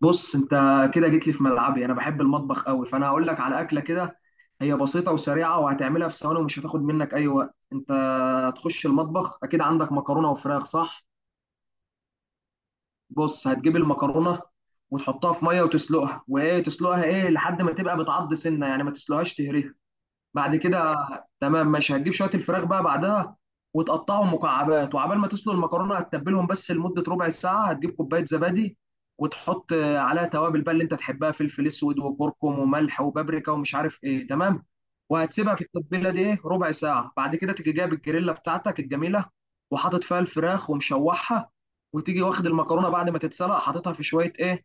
بص انت كده جيت لي في ملعبي، انا بحب المطبخ قوي فانا هقول لك على اكله كده. هي بسيطه وسريعه وهتعملها في ثواني ومش هتاخد منك اي وقت. انت هتخش المطبخ، اكيد عندك مكرونه وفراخ صح؟ بص، هتجيب المكرونه وتحطها في ميه وتسلقها، وايه، تسلقها ايه لحد ما تبقى بتعض سنه، يعني ما تسلقهاش تهريها. بعد كده، تمام ماشي، هتجيب شويه الفراخ بقى بعدها وتقطعهم مكعبات، وعبال ما تسلق المكرونه هتتبلهم بس لمده ربع ساعه. هتجيب كوبايه زبادي وتحط عليها توابل بقى اللي انت تحبها، فلفل اسود وكركم وملح وبابريكا ومش عارف ايه. تمام، وهتسيبها في التتبيله دي ايه ربع ساعه. بعد كده تيجي جايب الجريلا بتاعتك الجميله وحاطط فيها الفراخ ومشوحها، وتيجي واخد المكرونه بعد ما تتسلق حاططها في شويه ايه،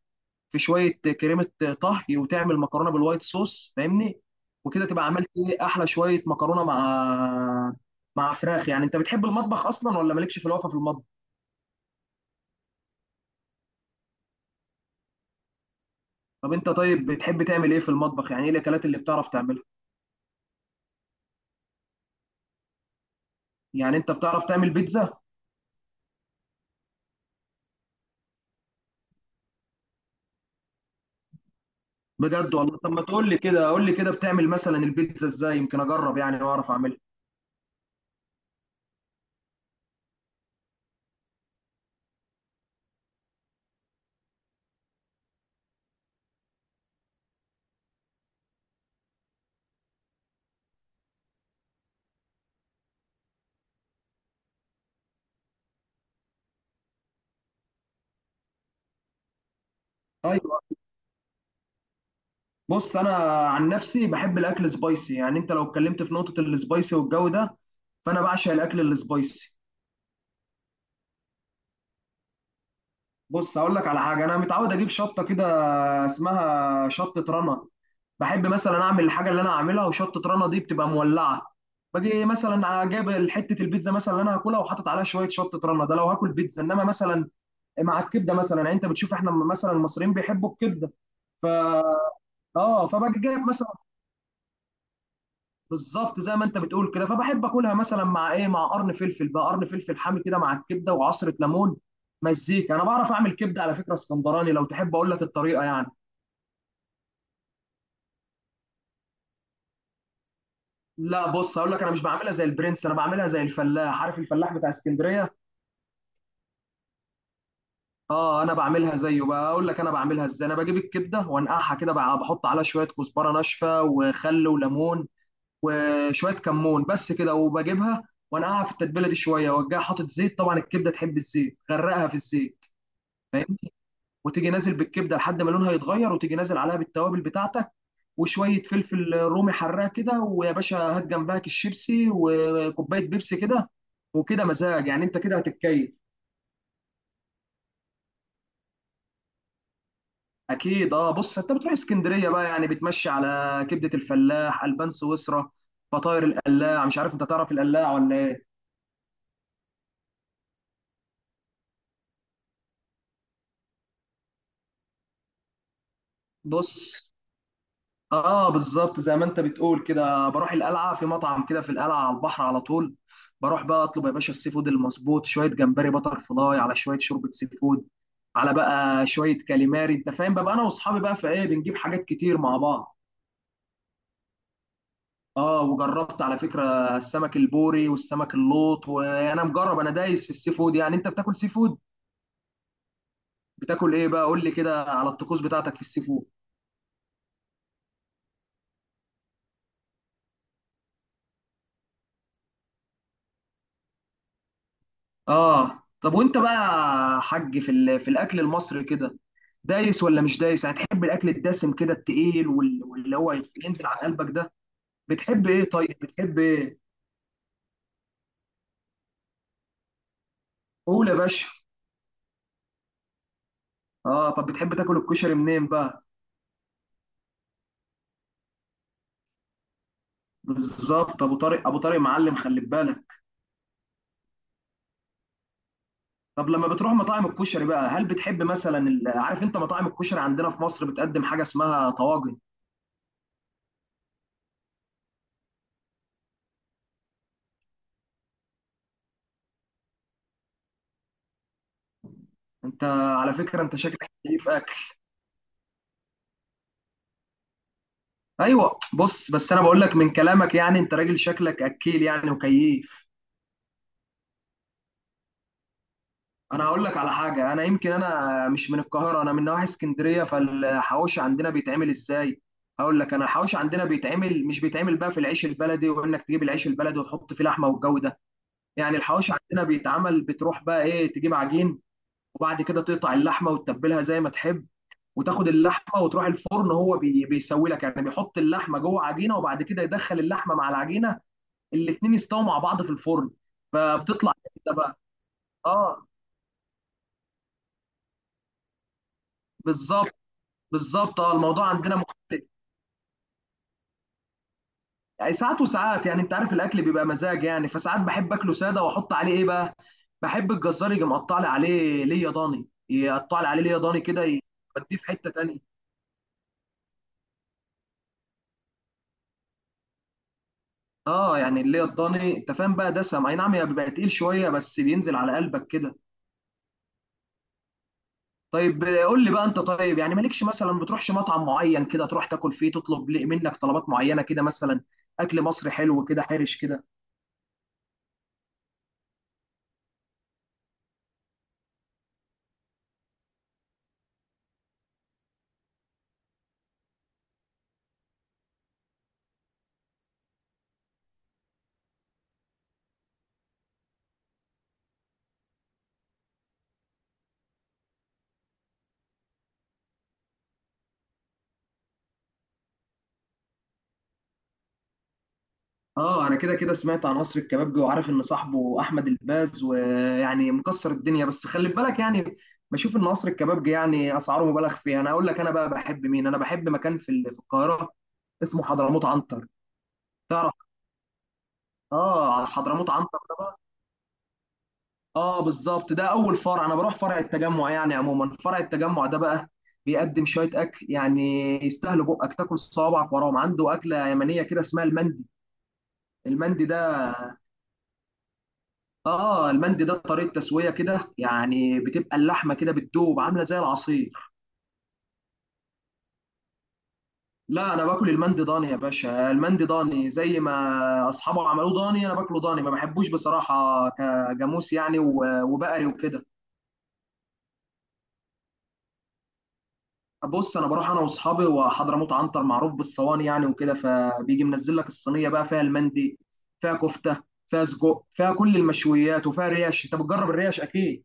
في شويه كريمه طهي، وتعمل مكرونه بالوايت صوص، فاهمني؟ وكده تبقى عملت ايه، احلى شويه مكرونه مع مع فراخ. يعني انت بتحب المطبخ اصلا ولا مالكش في الوقفه في المطبخ؟ طب انت طيب بتحب تعمل ايه في المطبخ، يعني ايه الاكلات اللي بتعرف تعملها؟ يعني انت بتعرف تعمل بيتزا؟ بجد والله؟ طب ما تقول لي كده، قول لي كده بتعمل مثلا البيتزا ازاي، يمكن اجرب يعني واعرف اعملها. ايوه، بص انا عن نفسي بحب الاكل سبايسي، يعني انت لو اتكلمت في نقطه السبايسي والجو ده فانا بعشق الاكل السبايسي. بص هقول لك على حاجه، انا متعود اجيب شطه كده اسمها شطه رنا. بحب مثلا اعمل الحاجه اللي انا اعملها وشطه رنا دي بتبقى مولعه. باجي مثلا جايب حته البيتزا مثلا اللي انا هاكلها وحاطط عليها شويه شطه رنا، ده لو هاكل بيتزا، انما مثلا مع الكبده، مثلا. يعني انت بتشوف احنا مثلا المصريين بيحبوا الكبده. ف اه فباجي جايب مثلا. بالظبط زي ما انت بتقول كده، فبحب اكلها مثلا مع ايه، مع قرن فلفل بقى، قرن فلفل حامي كده مع الكبده وعصره ليمون، مزيكا. انا بعرف اعمل كبده على فكره اسكندراني، لو تحب اقول لك الطريقه يعني. لا، بص هقول لك، انا مش بعملها زي البرنس، انا بعملها زي الفلاح، عارف الفلاح بتاع اسكندريه. اه انا بعملها زيه. بقى اقول لك انا بعملها ازاي: انا بجيب الكبده وانقعها كده بقى، بحط عليها شويه كزبره ناشفه وخل وليمون وشويه كمون، بس كده. وبجيبها وانقعها في التتبيله دي شويه، وارجع حاطط زيت. طبعا الكبده تحب الزيت، غرقها في الزيت، فاهم؟ وتيجي نازل بالكبده لحد ما لونها يتغير، وتيجي نازل عليها بالتوابل بتاعتك وشويه فلفل رومي حراق كده. ويا باشا، هات جنبها كيس شيبسي وكوبايه بيبسي كده، وكده مزاج. يعني انت كده هتتكيف. اكيد اه. بص انت بتروح اسكندريه بقى، يعني بتمشي على كبده الفلاح، البان سويسرا، فطاير القلاع. مش عارف انت تعرف القلاع ولا ايه. بص، اه بالظبط زي ما انت بتقول كده، بروح القلعه في مطعم كده في القلعه على البحر على طول. بروح بقى اطلب يا باشا السي فود المظبوط، شويه جمبري بتر فلاي على شويه شوربه سي فود على بقى شويه كاليماري. انت فاهم بقى، انا واصحابي بقى في ايه، بنجيب حاجات كتير مع بعض. اه وجربت على فكرة السمك البوري والسمك اللوط، وانا مجرب، انا دايس في السي فود. يعني انت بتاكل سي فود؟ بتاكل ايه بقى، قول لي كده على الطقوس بتاعتك في السي فود. اه طب وانت بقى يا حاج في الاكل المصري كده دايس ولا مش دايس؟ يعني تحب الاكل الدسم كده التقيل وال- واللي هو ينزل على قلبك ده؟ بتحب ايه طيب، بتحب ايه؟ قول يا باشا. اه، طب بتحب تاكل الكشري منين بقى؟ بالظبط، ابو طارق، ابو طارق معلم خلي بالك. طب لما بتروح مطاعم الكشري بقى هل بتحب مثلا عارف انت مطاعم الكشري عندنا في مصر بتقدم حاجه اسمها طواجن؟ انت على فكره انت شكلك كيف اكل. ايوه بص، بس انا بقول لك من كلامك، يعني انت راجل شكلك اكيل يعني، وكيف. انا هقول لك على حاجه، انا يمكن انا مش من القاهره، انا من نواحي اسكندريه، فالحواوشي عندنا بيتعمل ازاي هقول لك. انا الحواوشي عندنا بيتعمل، مش بيتعمل بقى في العيش البلدي وانك تجيب العيش البلدي وتحط فيه لحمه والجو ده. يعني الحواوشي عندنا بيتعمل، بتروح بقى ايه تجيب عجين، وبعد كده تقطع اللحمه وتتبلها زي ما تحب، وتاخد اللحمه وتروح الفرن، هو بيسوي لك يعني، بيحط اللحمه جوه عجينه، وبعد كده يدخل اللحمه مع العجينه الاتنين يستووا مع بعض في الفرن. فبتطلع كده بقى، اه. بالظبط، بالظبط، اه الموضوع عندنا مختلف. يعني ساعات وساعات، يعني انت عارف الاكل بيبقى مزاج، يعني فساعات بحب اكله ساده واحط عليه ايه بقى، بحب الجزار يجي مقطع لي عليه ليه ضاني، يقطع لي عليه ليه ضاني كده يوديه في حته تانيه. اه، يعني اللي هي الضاني انت فاهم بقى، دسم اي نعم، هي بيبقى تقيل شويه بس بينزل على قلبك كده. طيب قول لي بقى انت طيب، يعني مالكش مثلا بتروحش مطعم معين كده تروح تاكل فيه تطلب منك طلبات معينه كده مثلا، اكل مصري حلو كده حرش كده؟ اه انا كده كده سمعت عن قصر الكبابجي، وعارف ان صاحبه احمد الباز ويعني مكسر الدنيا، بس خلي بالك يعني، بشوف ان قصر الكبابجي يعني اسعاره مبالغ فيها. انا اقول لك انا بقى بحب مين، انا بحب مكان في القاهره اسمه حضرموت عنتر، تعرف؟ اه حضرموت عنتر. اه بالظبط، ده اول فرع، انا بروح فرع التجمع. يعني عموما فرع التجمع ده بقى بيقدم شويه اكل يعني يستاهلوا بقك تاكل صوابعك وراهم. عنده اكله يمنيه كده اسمها المندي. المندي ده اه، المندي ده طريقه تسويه كده، يعني بتبقى اللحمه كده بتدوب عامله زي العصير. لا انا باكل المندي ضاني يا باشا، المندي ضاني زي ما اصحابه عملوه ضاني، انا باكله ضاني، ما بحبوش بصراحه كجاموس يعني، و- وبقري وكده. بص انا بروح انا واصحابي، وحضرموت عنتر معروف بالصواني، يعني وكده، فبيجي منزل لك الصينيه بقى فيها المندي، فيها كفته، فيها سجق، فيها كل المشويات، وفيها ريش. انت بتجرب الريش اكيد.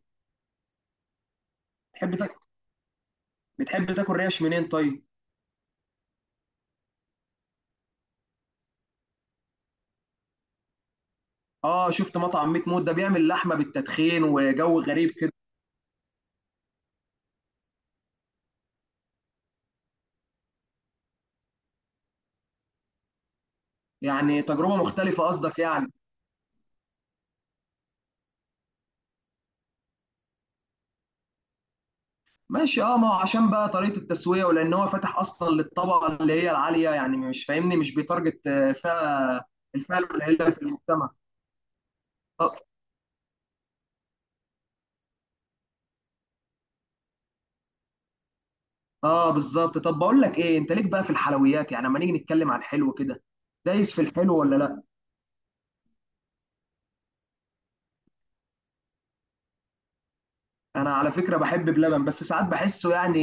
بتحب تاكل بتحب تاكل ريش منين طيب؟ اه، شفت مطعم ميت موت ده بيعمل لحمه بالتدخين وجو غريب كده. يعني تجربه مختلفه قصدك يعني. ماشي اه، ما هو عشان بقى طريقه التسويه، ولان هو فاتح اصلا للطبقه اللي هي العاليه، يعني مش فاهمني، مش بيتارجت فئه، الفئه القليله في المجتمع. آه، اه بالظبط. طب بقول لك ايه، انت ليك بقى في الحلويات يعني، اما نيجي نتكلم عن الحلو كده دايس في الحلو ولا لا؟ انا على فكره بحب بلبن، بس ساعات بحسه يعني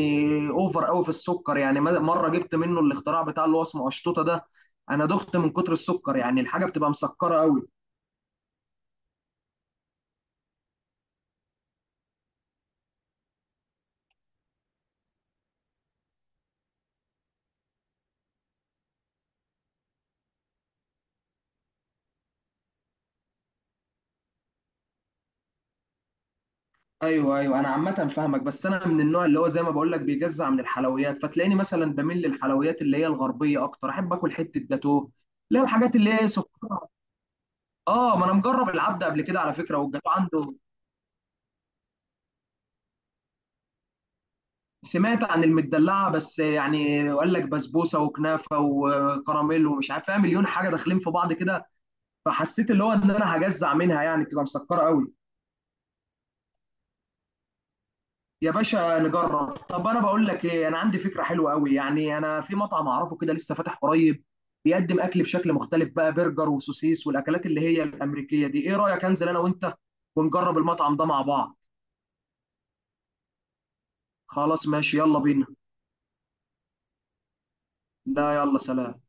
اوفر قوي في السكر. يعني مره جبت منه الاختراع بتاع اللي هو اسمه قشطوطه ده، انا دخت من كتر السكر، يعني الحاجه بتبقى مسكره قوي. ايوه، انا عامه فاهمك، بس انا من النوع اللي هو زي ما بقول لك بيجزع من الحلويات، فتلاقيني مثلا بميل للحلويات اللي هي الغربيه اكتر، احب اكل حته جاتوه، لا، الحاجات اللي هي سكر. اه ما انا مجرب العبد قبل كده على فكره والجاتوه عنده. سمعت عن المدلعه، بس يعني وقال لك بسبوسه وكنافه وكراميل ومش عارف فيها مليون حاجه داخلين في بعض كده، فحسيت اللي هو ان انا هجزع منها، يعني بتبقى مسكره قوي. يا باشا نجرب. طب انا بقول لك ايه، انا عندي فكره حلوه قوي يعني، انا في مطعم اعرفه كده لسه فاتح قريب بيقدم اكل بشكل مختلف بقى، برجر وسوسيس والاكلات اللي هي الامريكيه دي. ايه رايك انزل انا وانت ونجرب المطعم ده مع بعض؟ خلاص ماشي يلا بينا. لا يلا، سلام.